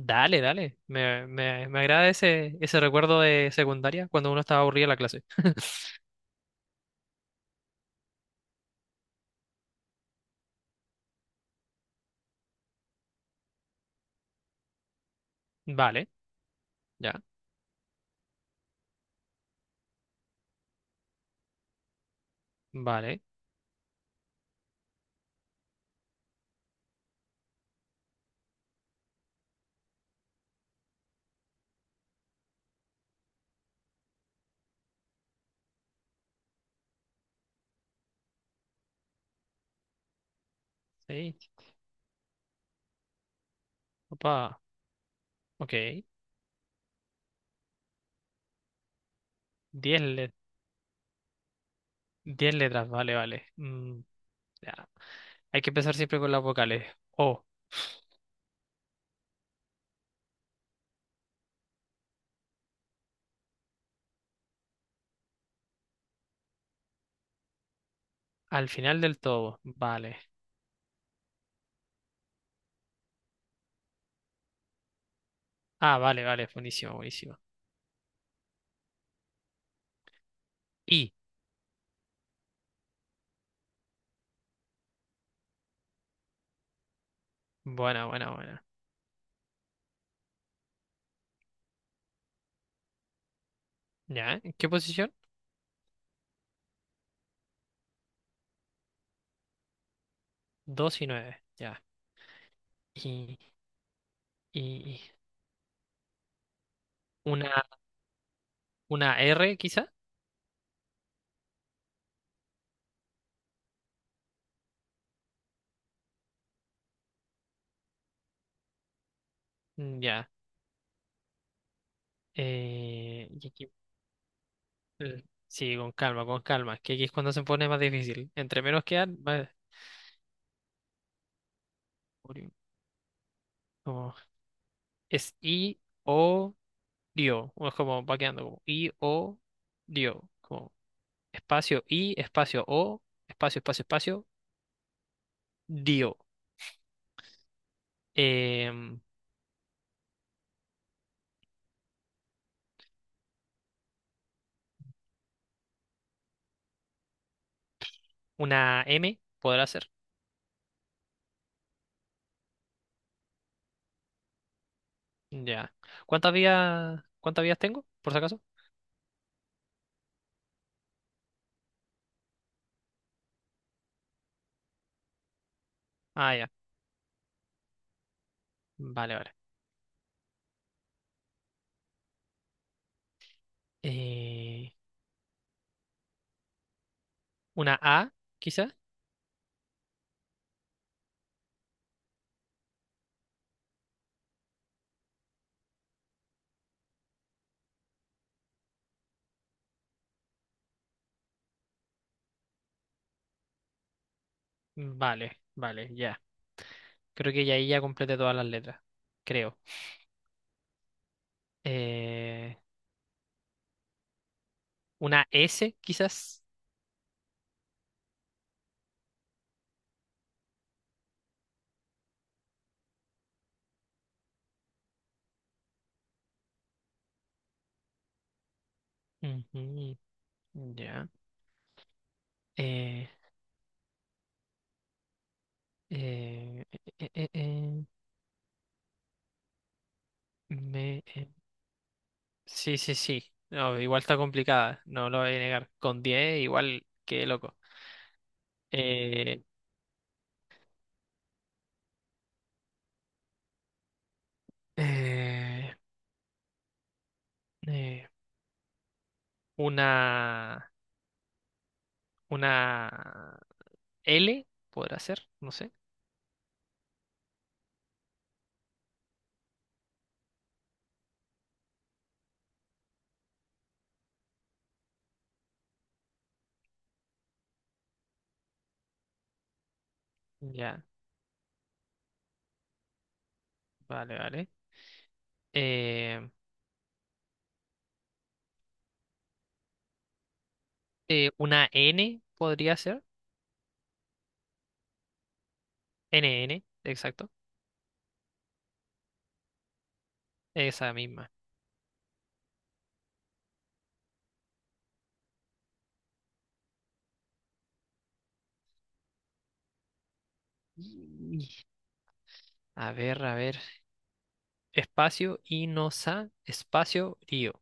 Dale, dale. Me agrada ese recuerdo de secundaria cuando uno estaba aburrido en la clase. Vale, ya. Vale. Sí. Opa. Ok. Diez, le- diez letras. Vale, vale. Ya. Hay que empezar siempre con las vocales. O. Al final del todo. Vale. Ah, vale, vale. Buenísimo, buenísimo. Y. Buena, buena, buena. Ya. ¿En qué posición? Dos y nueve. Ya. Y, y una, una R quizá. Ya. Eh, Eh, Sí, con calma, con calma. Es que aquí es cuando se pone más difícil. Entre menos quedan, más. ori- Como. Es i, o, dio. O es como va quedando como i, o, dio. Como espacio i, espacio o, espacio, espacio, espacio, dio. Em, una m podrá ser. Ya. Cuántas vías tengo, por si acaso? Ah, ya. Vale, vale. Eh, una a, quizá. Vale, vale, ya. Creo que ya ahí ya completé todas las letras. Creo. Eh, una S, quizás. Ujú, ya. Eh, eh, eh, eh, eh, me- eh, Sí, sí, sí. No, igual está complicada. No lo voy a negar. Con diez igual, qué loco. Eh, eh, eh, una, una L, podrá ser. No sé. Ya, vale, vale. Eh, una N podría ser. NN, exacto. Esa misma. Y- A ver, a ver. Espacio, Inosa, espacio, Río.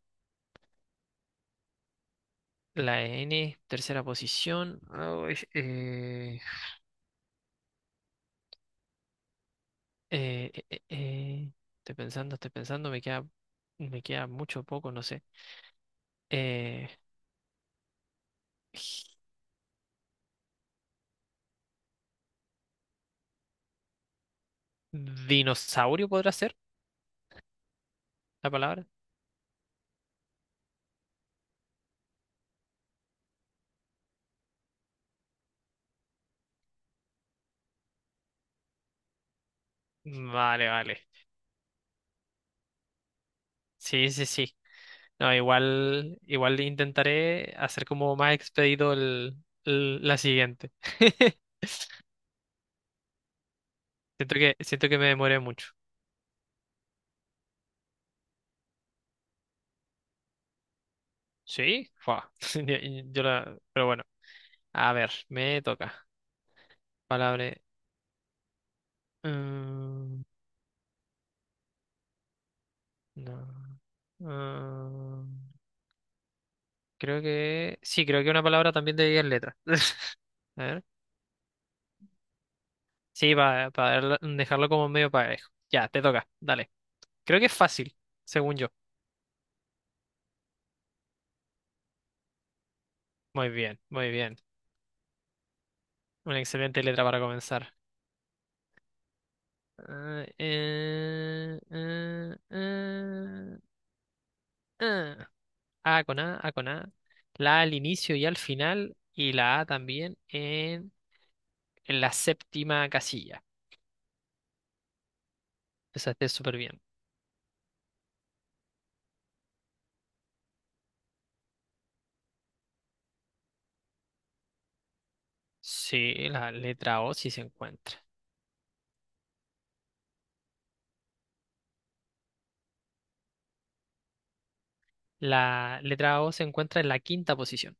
La N, tercera posición. Ay, eh, eh, eh, eh. Estoy pensando, estoy pensando. Me queda mucho poco, no sé. Eh, ¿Dinosaurio podrá ser la palabra? Vale, vale. Sí, sí, sí. No, igual, igual intentaré hacer como más expedito la siguiente. Siento que me demoré mucho. ¿Sí? Fua. Yo, yo la- A ver, me toca. Palabra. Mm, no. mm, creo que. Sí, creo que una palabra también de 10 letras. A ver. Sí, para dejarlo como medio parejo. Ya, te toca. Dale. Creo que es fácil, según yo. Muy bien, muy bien. Una excelente letra para comenzar. Ah, eh. A con A. La A al inicio y al final. Y la A también en la séptima casilla. Esa esté súper bien. Sí, la letra O sí se encuentra. La letra O se encuentra en la quinta posición.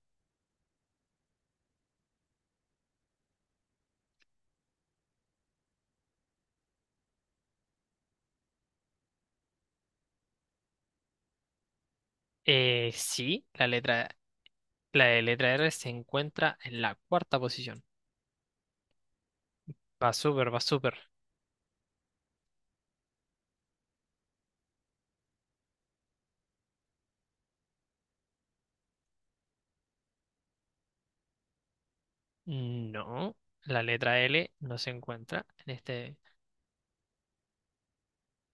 Sí, la de letra R se encuentra en la cuarta posición. Va súper, va súper. No, la letra L no se encuentra en este.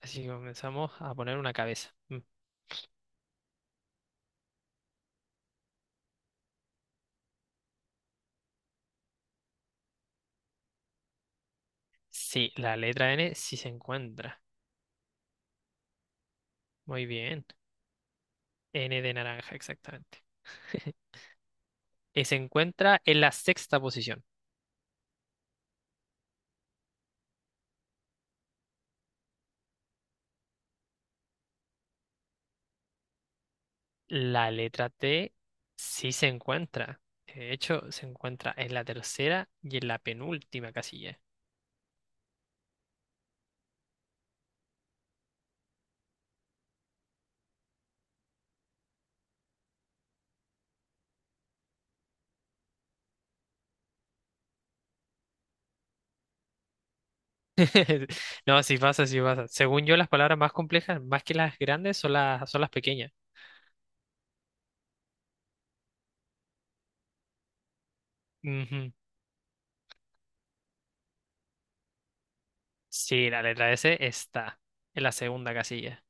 Así que comenzamos a poner una cabeza. Mm. Sí, la letra N sí se encuentra. Muy bien. N de naranja, exactamente. Y se encuentra en la sexta posición. La letra T sí se encuentra. De hecho, se encuentra en la tercera y en la penúltima casilla. No, sí pasa, sí pasa. Según yo, las palabras más complejas, más que las grandes, son las pequeñas. Ujú. Sí, la letra S está en la segunda casilla.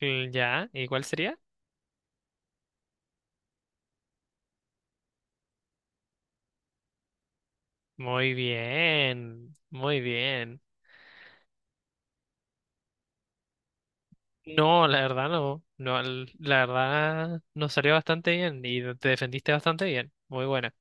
Ya, ¿y cuál sería? Muy bien, muy bien. No, la verdad no, no, la verdad nos salió bastante bien y te defendiste bastante bien. Muy buena.